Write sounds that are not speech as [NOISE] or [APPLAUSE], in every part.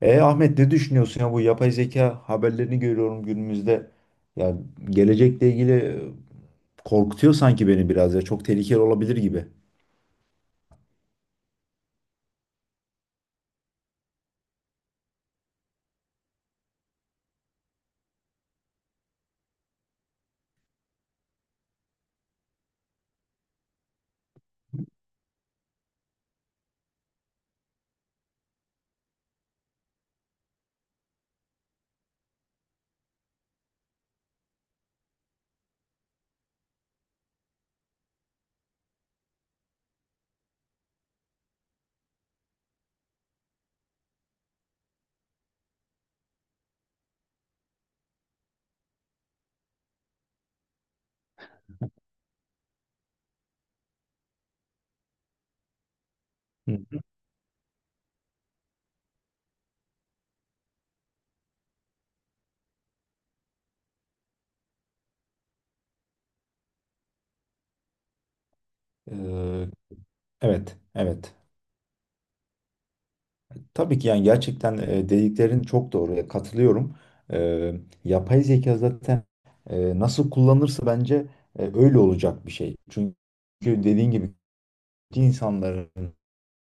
Ahmet, ne düşünüyorsun ya, bu yapay zeka haberlerini görüyorum günümüzde. Ya, gelecekle ilgili korkutuyor sanki beni biraz, ya çok tehlikeli olabilir gibi. Hı. Ee, evet, evet. Tabii ki, yani gerçekten dediklerin çok doğru. Ya, katılıyorum. Ee, yapay zeka zaten nasıl kullanırsa bence öyle olacak bir şey. Çünkü dediğin gibi insanların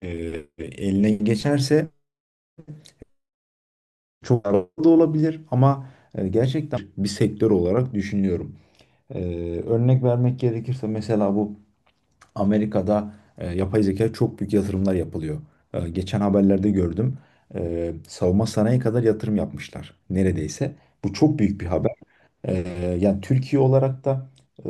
e, eline geçerse çok da olabilir ama gerçekten bir sektör olarak düşünüyorum. E, örnek vermek gerekirse mesela bu Amerika'da yapay zeka çok büyük yatırımlar yapılıyor. Geçen haberlerde gördüm. Savunma sanayi kadar yatırım yapmışlar neredeyse. Bu çok büyük bir haber. E, yani Türkiye olarak da e,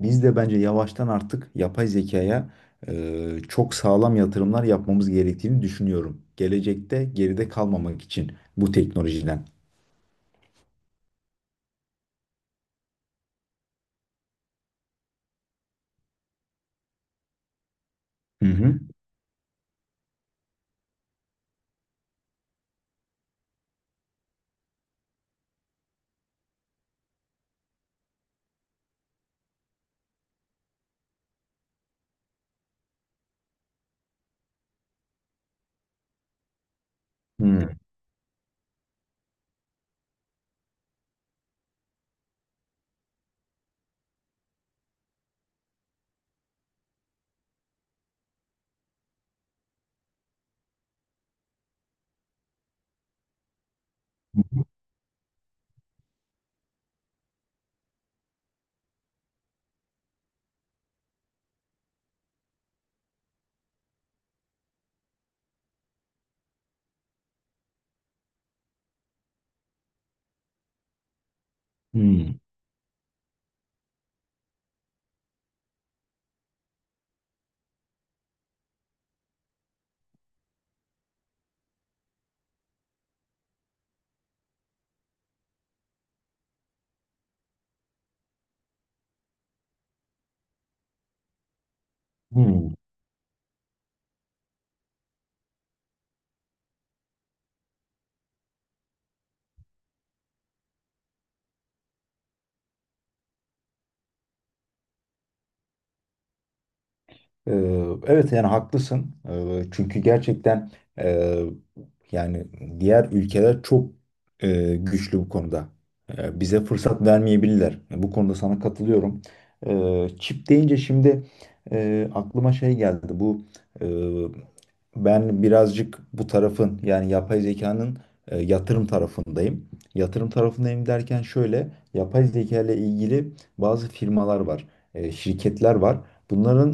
biz de bence yavaştan artık yapay zekaya çok sağlam yatırımlar yapmamız gerektiğini düşünüyorum. Gelecekte geride kalmamak için bu teknolojiden. Hı hı. Hı. Hmm. Hmm. Ee, evet yani haklısın. Çünkü gerçekten e, Yani diğer ülkeler çok güçlü bu konuda. Bize fırsat vermeyebilirler. Bu konuda sana katılıyorum. Çip deyince şimdi aklıma şey geldi. E, ben birazcık bu tarafın, yani yapay zekanın yatırım tarafındayım. Yatırım tarafındayım derken şöyle, yapay zeka ile ilgili bazı firmalar var, şirketler var. Bunların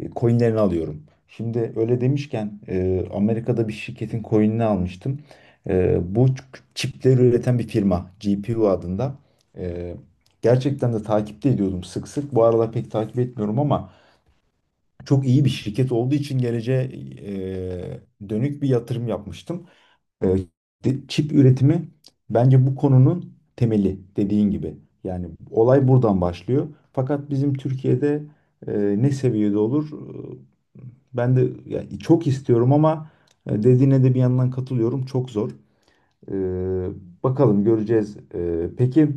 e, coinlerini alıyorum. Şimdi öyle demişken Amerika'da bir şirketin coinini almıştım. Bu çipleri üreten bir firma GPU adında. E, gerçekten de takipte ediyordum sık sık. Bu aralar pek takip etmiyorum ama çok iyi bir şirket olduğu için geleceğe dönük bir yatırım yapmıştım. Ee, Çip üretimi bence bu konunun temeli, dediğin gibi. Yani olay buradan başlıyor. Fakat bizim Türkiye'de e, ne seviyede olur? Ee, ben de yani çok istiyorum ama dediğine de bir yandan katılıyorum. Çok zor. Ee, bakalım, göreceğiz. Peki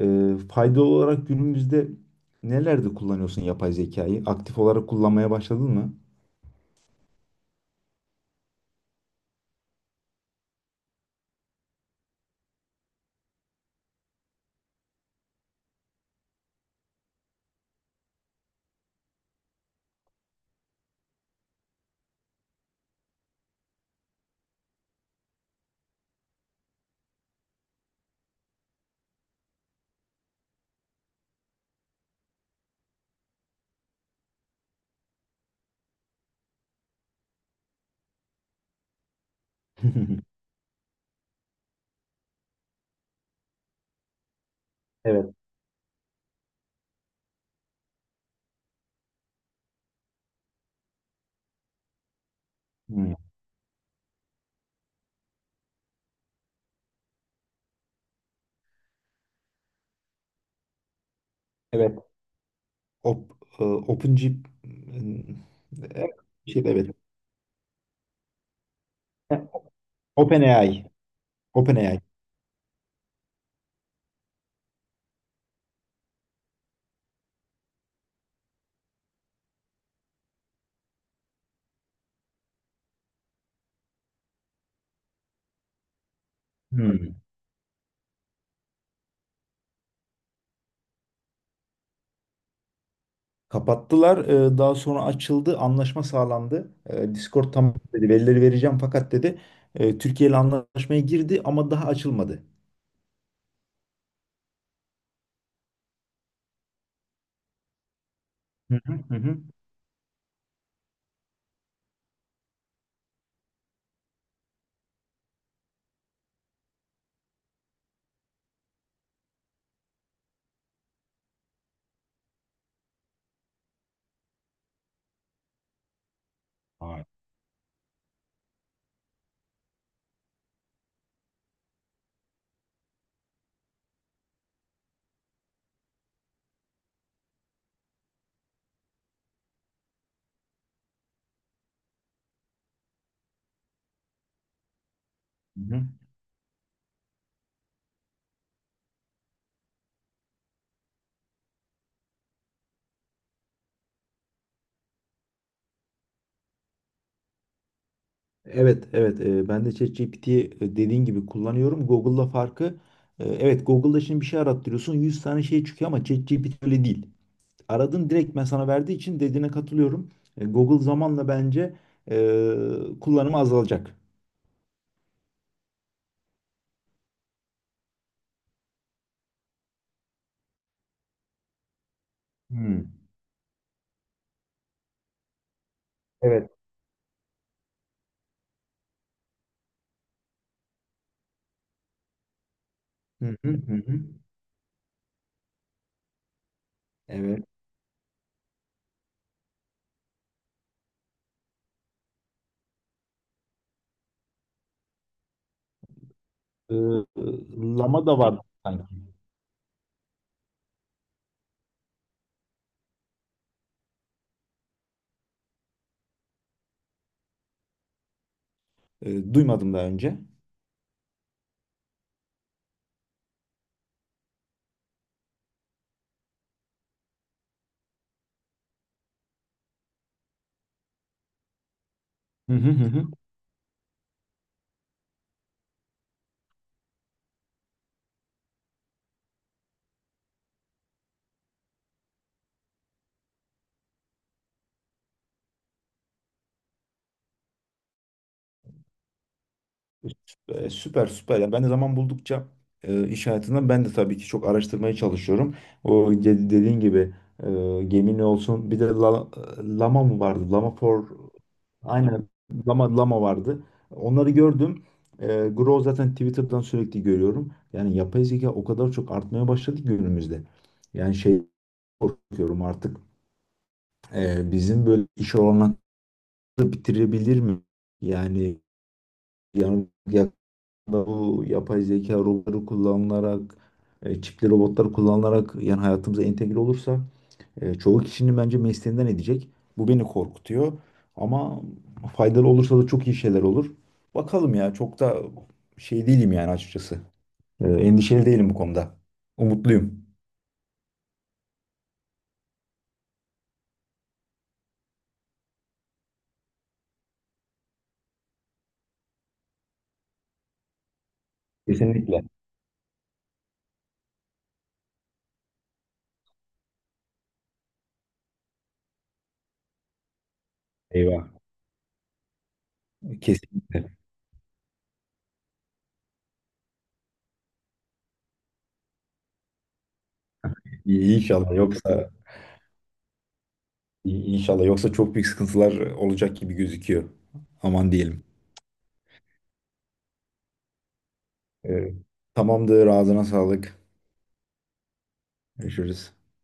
faydalı olarak günümüzde nelerde kullanıyorsun yapay zekayı? Aktif olarak kullanmaya başladın mı? [LAUGHS] Evet. Hmm. Evet. Op, OpenG bir şey de, evet. OpenAI. OpenAI. Hmm. Kapattılar. Daha sonra açıldı. Anlaşma sağlandı. Discord tamam dedi. Verileri vereceğim, fakat dedi, Türkiye ile anlaşmaya girdi ama daha açılmadı. Hı hı hı. Hı. Vay. Hı hı. Evet, evet. Ben de ChatGPT'yi, dediğin gibi kullanıyorum. Google'la farkı, evet, Google'da şimdi bir şey arattırıyorsun, 100 tane şey çıkıyor ama ChatGPT öyle değil. Aradın, direkt ben sana verdiği için dediğine katılıyorum. Google zamanla bence e, kullanımı azalacak. Hmm. Evet. Hı hı hı. Hı. Evet. E, Lama da var sanki. Duymadım daha önce. Hı hı hı. Hı. Süper süper. Yani ben de zaman buldukça iş hayatında ben de tabii ki çok araştırmaya çalışıyorum. Dediğin gibi e, Gemini olsun. Bir de Lama mı vardı? Lama for aynen, Lama, Lama vardı. Onları gördüm. Grow zaten Twitter'dan sürekli görüyorum. Yani yapay zeka o kadar çok artmaya başladı ki günümüzde. Yani şey korkuyorum artık, bizim böyle iş olanları bitirebilir mi? Yani yani yakında bu yapay zeka robotları kullanılarak, çipli robotlar kullanılarak yani hayatımıza entegre olursa çoğu kişinin bence mesleğinden edecek. Bu beni korkutuyor. Ama faydalı olursa da çok iyi şeyler olur. Bakalım ya, çok da şey değilim yani, açıkçası. Endişeli değilim bu konuda. Umutluyum. Kesinlikle. Eyvah. Kesinlikle. İyi, İnşallah yoksa iyi, inşallah yoksa çok büyük sıkıntılar olacak gibi gözüküyor. Aman diyelim. E, tamamdır. Ağzına sağlık. Görüşürüz.